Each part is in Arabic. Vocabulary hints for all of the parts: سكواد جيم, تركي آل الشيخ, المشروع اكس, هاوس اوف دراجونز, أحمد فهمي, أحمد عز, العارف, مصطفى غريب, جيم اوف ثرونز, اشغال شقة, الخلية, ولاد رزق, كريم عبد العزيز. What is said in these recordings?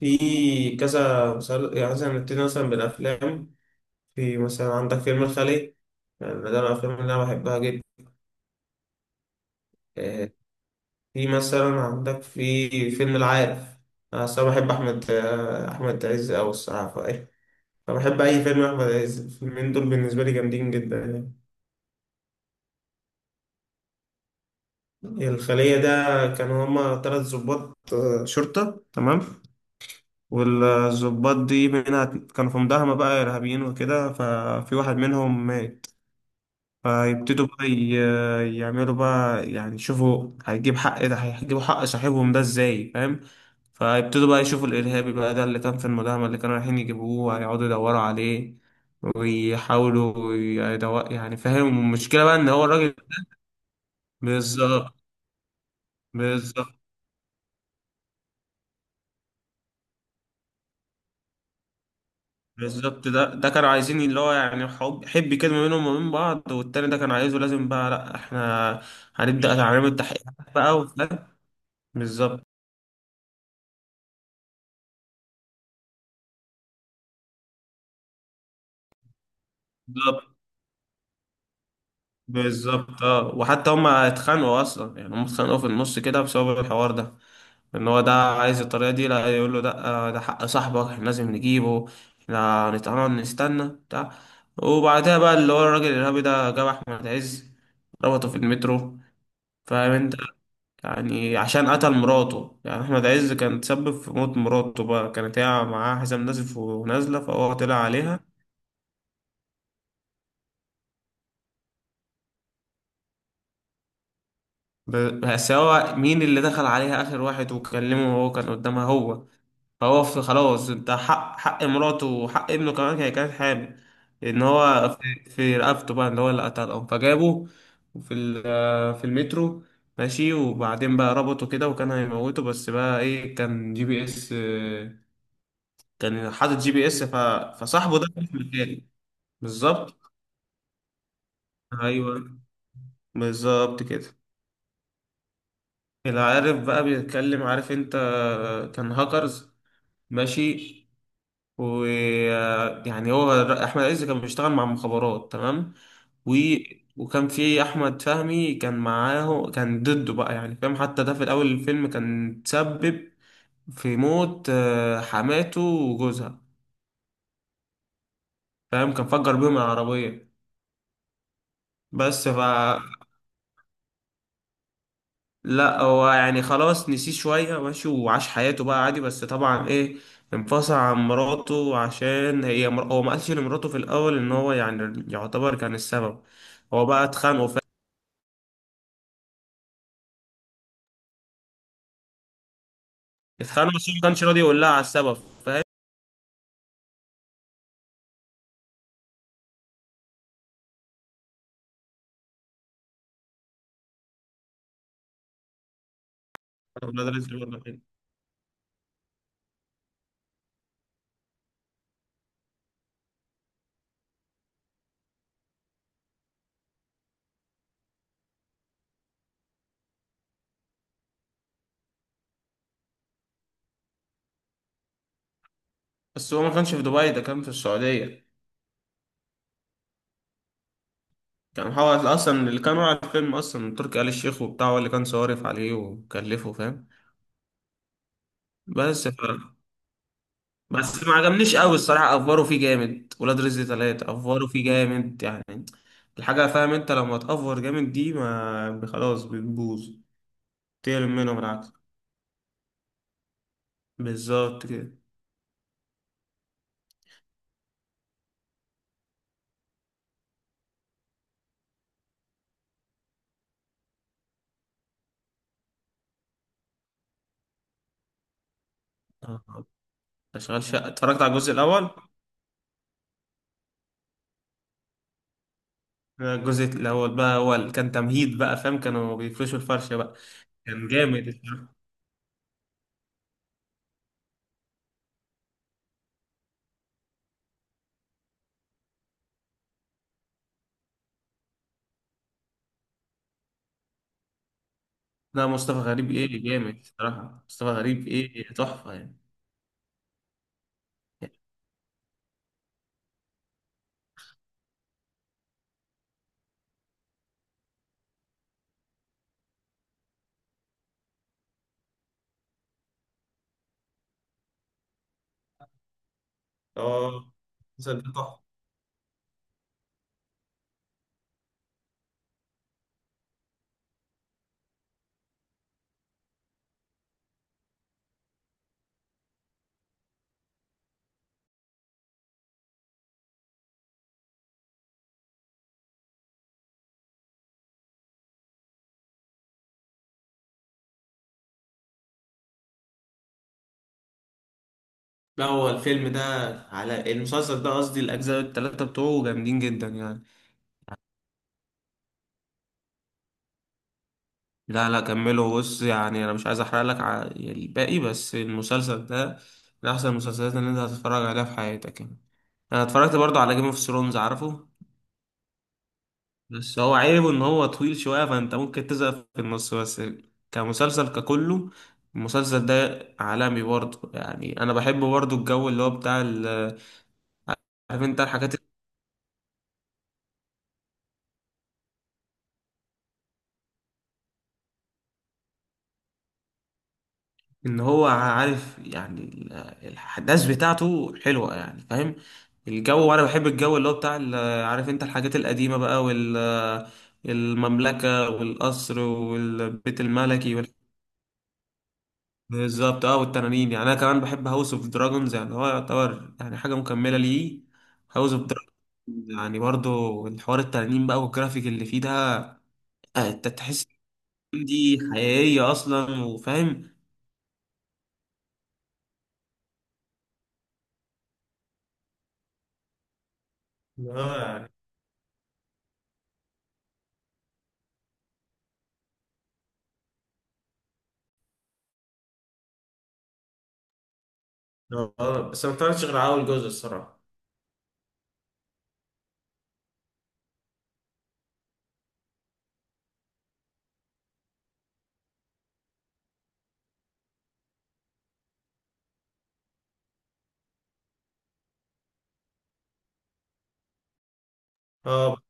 في كذا يعني مثلا نبتدي مثلا بالأفلام. في مثلا عندك فيلم الخلية. يعني ده من الأفلام اللي أنا بحبها جدا. آه، في مثلا عندك في فيلم العارف. أنا أصلا بحب أحمد عز أوي الصراحة فإيه فبحب أي فيلم أحمد عز. الفيلمين دول بالنسبة لي جامدين جدا يعني. الخلية ده كانوا هما تلات ظباط شرطة. تمام. والظباط دي منها كانوا في مداهمة بقى إرهابيين وكده ففي واحد منهم مات. فيبتدوا بقى يعملوا بقى يعني يشوفوا هيجيب حق ده، هيجيبوا حق صاحبهم ده ازاي فاهم. فيبتدوا بقى يشوفوا الإرهابي بقى ده اللي كان في المداهمة اللي كانوا رايحين يجيبوه. هيقعدوا يدوروا عليه ويحاولوا يدور يعني فاهم المشكلة بقى إن هو الراجل. بالظبط. بالظبط. بالظبط ده كانوا عايزين اللي هو يعني حب حب كده ما بينهم وما بين بعض، والتاني ده كان عايزه لازم بقى لأ، احنا هنبدأ تعميم التحقيقات بقى وفاهم. بالظبط. بالظبط. بالظبط اه. وحتى هما اتخانقوا اصلا يعني، هما اتخانقوا في النص كده بسبب الحوار ده. ان هو ده عايز الطريقه دي، لا يقول له ده حق صاحبك احنا لازم نجيبه. احنا هنتقرب نستنى بتاع. وبعدها بقى اللي هو الراجل الارهابي ده جاب احمد عز ربطه في المترو. فاهم انت. يعني عشان قتل مراته، يعني احمد عز كان تسبب في موت مراته بقى، كانت هي معاها حزام نازف ونازله فهو طلع عليها. بس هو مين اللي دخل عليها اخر واحد وكلمه وهو كان قدامها، هو. فهو في خلاص انت حق حق مراته وحق ابنه، كمان هي كانت حامل. ان هو في رقبته بقى اللي هو اللي قتلهم، فجابه في المترو. ماشي وبعدين بقى ربطه كده وكان هيموته، بس بقى ايه كان جي بي اس، كان حاطط جي بي اس فصاحبه ده كان في مكانه. بالظبط. ايوه. بالظبط كده. العارف بقى بيتكلم، عارف انت كان هاكرز. ماشي. ويعني هو احمد عز كان بيشتغل مع المخابرات. تمام. و... وكان في احمد فهمي كان معاه كان ضده بقى يعني فاهم. حتى ده في الاول الفيلم كان تسبب في موت حماته وجوزها. فاهم كان فجر بيهم العربية. بس ف لا هو يعني خلاص نسيه شوية، ماشي وعاش حياته بقى عادي. بس طبعا ايه، انفصل عن مراته عشان هو ما قالش لمراته في الاول ان هو يعني يعتبر كان السبب. هو بقى اتخانقوا. اتخانقوا بس هو ما كانش راضي يقول لها على السبب فاهم. ولا ده رزق ولا حاجة. بس هو ما كانش في دبي، ده كان في السعودية. كان هو اصلا اللي كان على الفيلم اصلا تركي آل الشيخ وبتاع، هو اللي كان صارف عليه وكلفه فاهم. بس ف... بس ما عجبنيش قوي الصراحة. افوروا فيه جامد، ولاد رزق ثلاثة افوروا فيه جامد يعني. الحاجة فاهم انت لما تأفور جامد دي ما خلاص بتبوظ. تقل منهم بالعكس. بالظبط كده. آه. اشغال شقة اتفرجت على الجزء الاول. الجزء الأول بقى هو كان تمهيد بقى فاهم، كانوا بيفرشوا الفرشة بقى. كان جامد الصراحة. لا، مصطفى غريب إيه جامد الصراحة. مصطفى غريب إيه تحفة يعني. اه، المسلسل ده تحفة. لا هو الفيلم ده على المسلسل ده قصدي، الأجزاء التلاتة بتوعه جامدين جدا يعني. لا لا كمله بص، يعني أنا مش عايز أحرق لك يعني الباقي. بس المسلسل ده من أحسن المسلسلات اللي أنت هتتفرج عليها في حياتك يعني. أنا اتفرجت برضه على جيم اوف ثرونز عارفه. بس هو عيبه ان هو طويل شوية فانت ممكن تزهق في النص. بس كمسلسل ككله، المسلسل ده عالمي برضه يعني. انا بحب برضه الجو اللي هو بتاع عارف انت الحاجات ان هو عارف يعني الاحداث بتاعته حلوة يعني فاهم. الجو، وانا بحب الجو اللي هو بتاع عارف انت الحاجات القديمة بقى المملكة والقصر والبيت الملكي. بالظبط اه، والتنانين. يعني انا كمان بحب هاوس اوف دراجونز، يعني هو يعتبر يعني حاجه مكمله ليه. هاوس اوف دراجونز يعني برضو الحوار التنانين بقى والجرافيك اللي فيه ده. آه، انت تحس إن دي حقيقيه اصلا وفاهم. اه يعني. اه آه، بس ما اتفرجتش غير على اول جزء الصراحه. اه،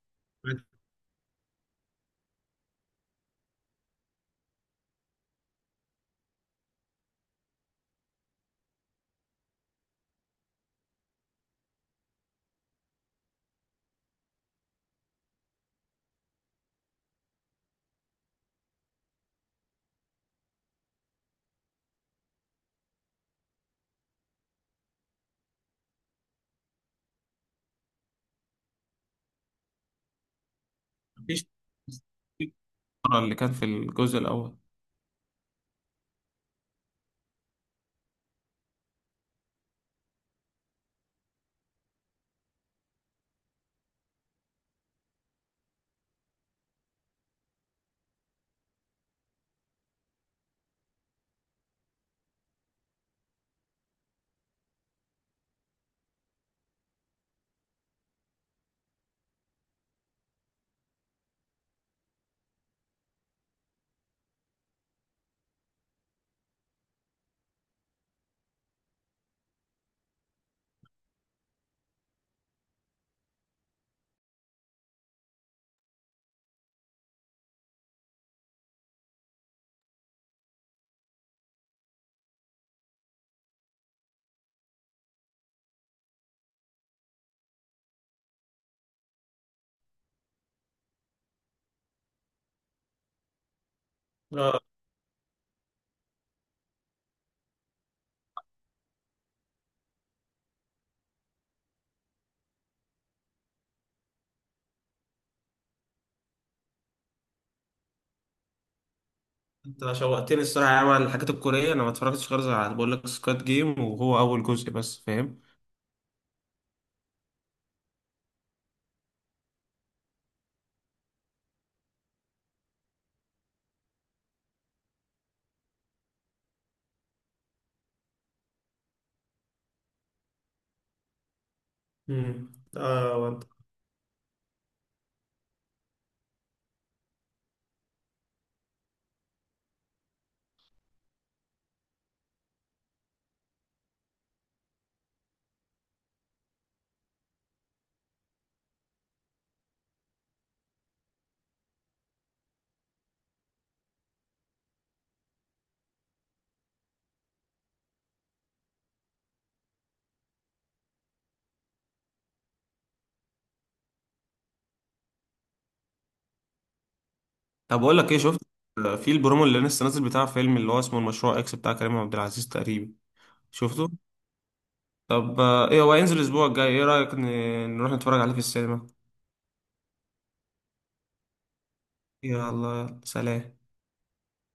مفيش اللي كان في الجزء الاول. اه انت شوقتني الصراحه يا عم على الحاجات الكوريه. انا ما اتفرجتش غير على، بقول لك، سكواد جيم، وهو اول جزء بس فاهم. مم. اه. طب بقول لك ايه، شفت في البرومو اللي لسه نازل بتاع فيلم اللي هو اسمه المشروع اكس بتاع كريم عبد العزيز تقريبا. شفته. طب ايه هو هينزل الاسبوع الجاي. ايه رأيك نروح نتفرج عليه في السينما؟ يلا. يلا سلام.